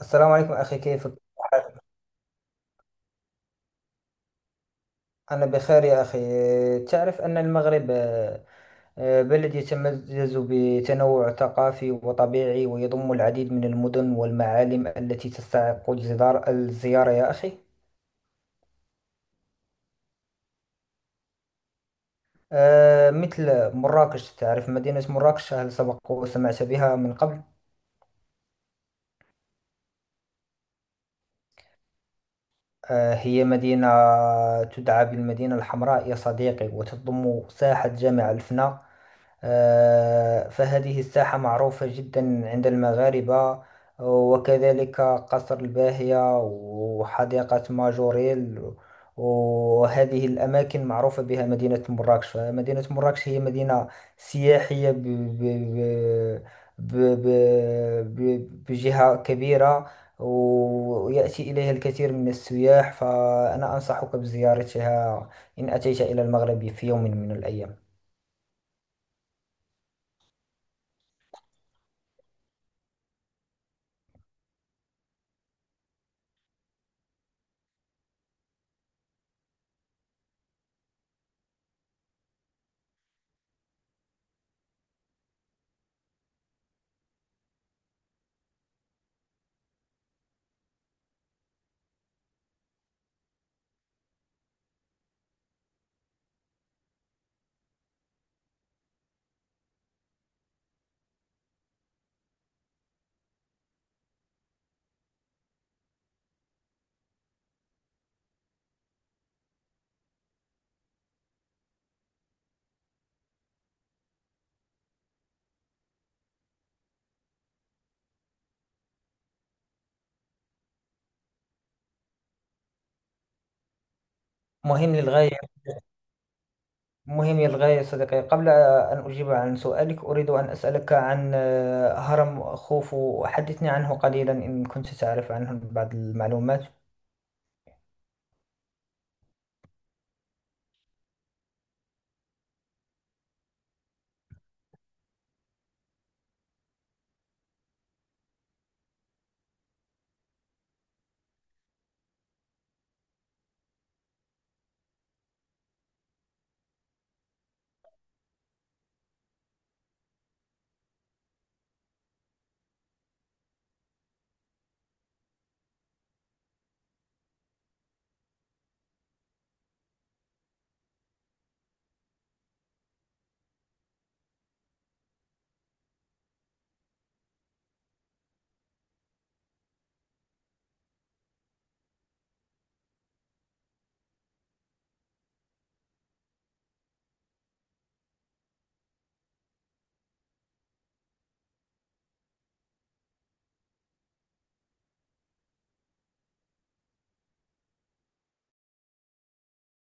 السلام عليكم أخي، كيف حالك؟ أنا بخير يا أخي. تعرف أن المغرب بلد يتميز بتنوع ثقافي وطبيعي، ويضم العديد من المدن والمعالم التي تستحق الزيارة يا أخي. مثل مراكش، تعرف مدينة مراكش؟ هل سبق وسمعت بها من قبل؟ هي مدينة تدعى بالمدينة الحمراء يا صديقي، وتضم ساحة جامع الفناء. فهذه الساحة معروفة جدا عند المغاربة، وكذلك قصر الباهية وحديقة ماجوريل. وهذه الأماكن معروفة بها مدينة مراكش. فمدينة مراكش هي مدينة سياحية ب... ب... ب... ب... بجهة كبيرة، ويأتي إليها الكثير من السياح، فأنا أنصحك بزيارتها إن أتيت إلى المغرب في يوم من الأيام. مهم للغاية. مهم للغاية يا صديقي. قبل أن أجيب عن سؤالك، أريد أن أسألك عن هرم خوفو، حدثني عنه قليلا إن كنت تعرف عنه بعض المعلومات.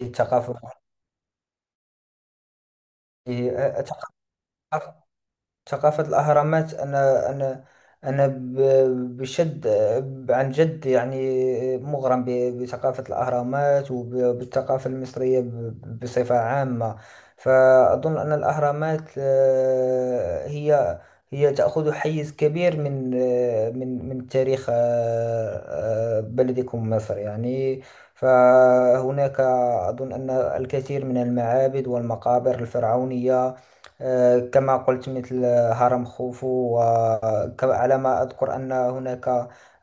الثقافة، الثقافة، ثقافة الأهرامات. أنا أنا بشد، عن جد يعني، مغرم بثقافة الأهرامات، وبالثقافة المصرية بصفة عامة. فأظن أن الأهرامات هي هي تأخذ حيز كبير من تاريخ بلدكم مصر يعني. فهناك أظن أن الكثير من المعابد والمقابر الفرعونية، كما قلت، مثل هرم خوفو. وعلى ما أذكر أن هناك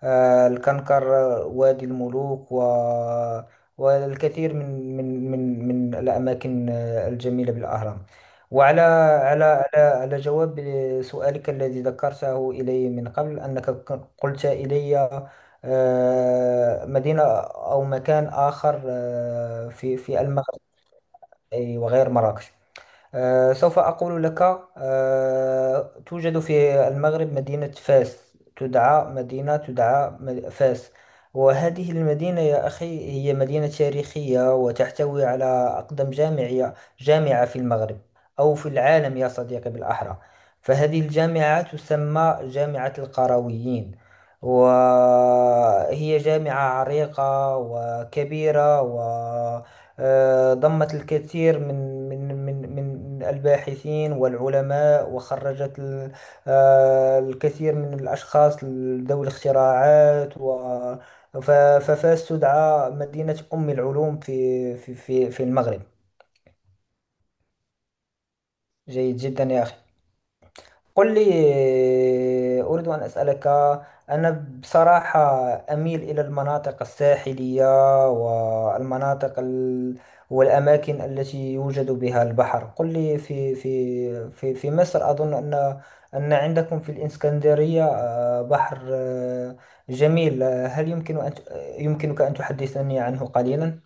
الكنكر، وادي الملوك، و والكثير من الأماكن الجميلة بالأهرام. وعلى على على على جواب سؤالك الذي ذكرته إلي من قبل، أنك قلت إلي مدينة أو مكان آخر في المغرب. أي وغير مراكش، سوف أقول لك. توجد في المغرب مدينة فاس، تدعى مدينة تدعى فاس. وهذه المدينة يا أخي هي مدينة تاريخية، وتحتوي على أقدم جامعية جامعة في المغرب، أو في العالم يا صديقي بالأحرى. فهذه الجامعة تسمى جامعة القرويين، وهي جامعة عريقة وكبيرة، و ضمت الكثير من الباحثين والعلماء، وخرجت الكثير من الأشخاص ذوي الاختراعات. و ففاس تدعى مدينة أم العلوم في المغرب. جيد جدا يا أخي. قل لي، أريد أن أسألك. أنا بصراحة أميل إلى المناطق الساحلية، والمناطق والأماكن التي يوجد بها البحر. قل لي، في مصر، أظن أن عندكم في الإسكندرية بحر جميل. هل يمكن أن يمكنك أن تحدثني عنه قليلا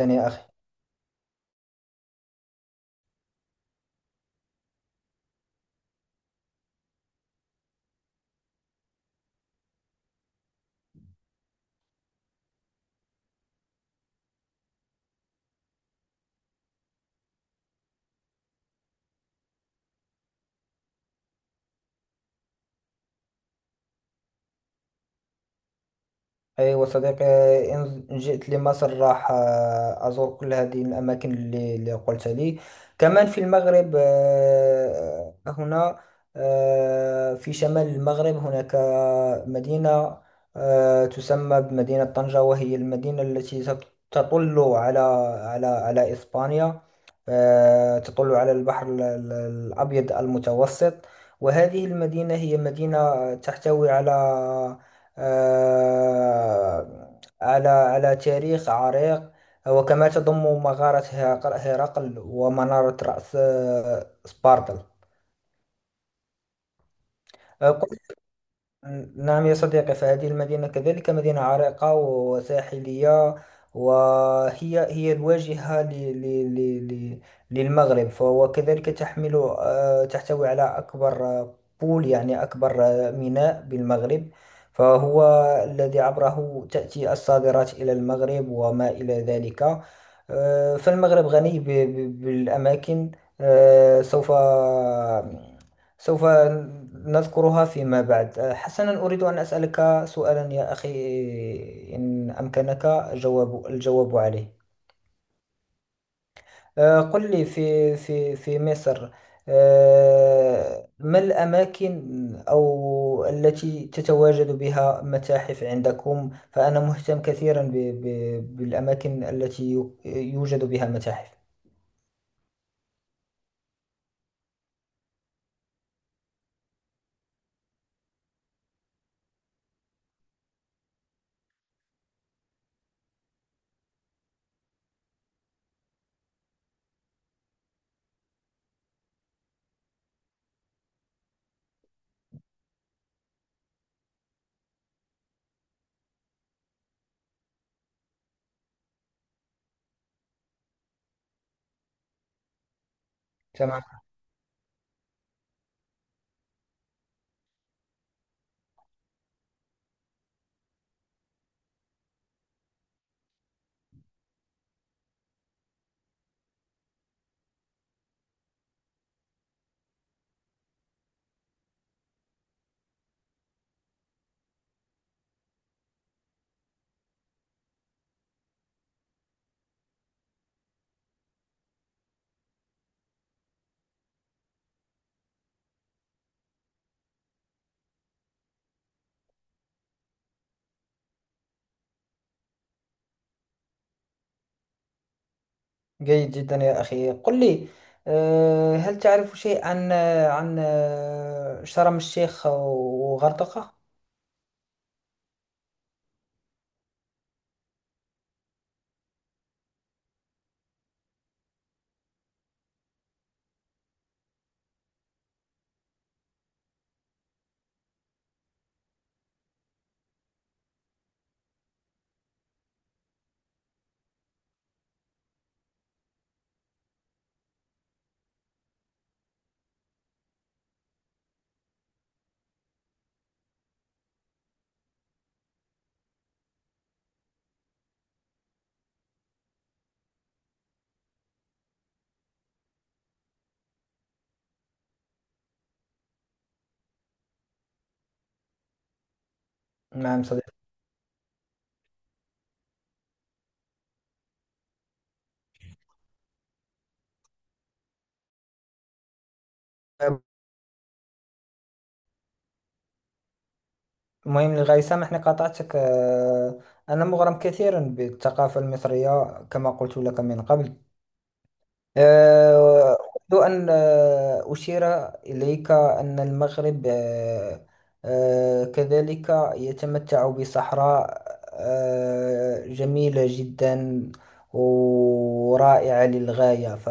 يا أخي؟ أيوة صديقي، إن جئت لمصر، راح أزور كل هذه الأماكن اللي قلت لي. كمان في المغرب آه، هنا آه، في شمال المغرب، هناك مدينة تسمى بمدينة طنجة، وهي المدينة التي تطل على إسبانيا. تطل على البحر الأبيض المتوسط. وهذه المدينة هي مدينة تحتوي على آه، تاريخ عريق، وكما تضم مغارة هرقل ومنارة رأس سبارتل. آه، نعم يا صديقي، فهذه المدينة كذلك مدينة عريقة وساحلية، وهي هي الواجهة للمغرب. فهو كذلك تحمل تحتوي على أكبر بول يعني أكبر ميناء بالمغرب، فهو الذي عبره تأتي الصادرات إلى المغرب وما إلى ذلك. فالمغرب غني بالأماكن. آه، سوف سوف نذكرها فيما بعد. أه، حسنا، أريد أن أسألك سؤالا يا أخي إن أمكنك جواب الجواب عليه. قل لي، في مصر، ما الأماكن أو التي تتواجد بها متاحف عندكم؟ فأنا مهتم كثيرا بالأماكن التي يوجد بها متاحف. تمام. جيد جدا يا أخي. قل لي، هل تعرف شيء عن شرم الشيخ وغردقة؟ نعم صديقي. المهم للغاية، سامحني قاطعتك. أنا مغرم كثيرا بالثقافة المصرية كما قلت لك من قبل. آه، أود أن أشير إليك أن المغرب كذلك يتمتع بصحراء جميلة جدا ورائعة للغاية.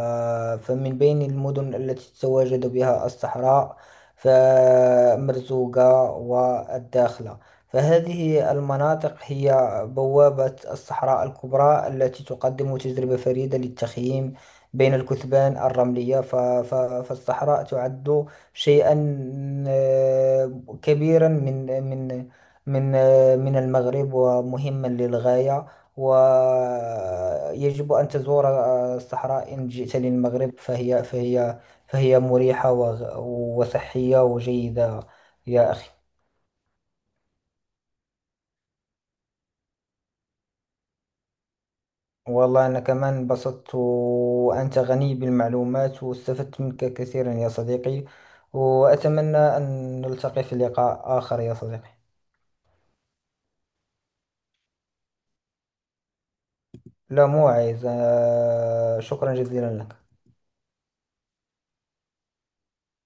فمن بين المدن التي تتواجد بها الصحراء، فمرزوقة والداخلة، فهذه المناطق هي بوابة الصحراء الكبرى التي تقدم تجربة فريدة للتخييم بين الكثبان الرملية. فالصحراء تعد شيئا كبيرا من من المغرب، ومهما للغاية. ويجب أن تزور الصحراء إن جئت للمغرب، فهي فهي مريحة، وصحية وجيدة يا أخي. والله أنا كمان انبسطت، وأنت غني بالمعلومات واستفدت منك كثيرا يا صديقي، وأتمنى أن نلتقي في لقاء آخر يا صديقي. لا موعظ، شكرا جزيلا لك.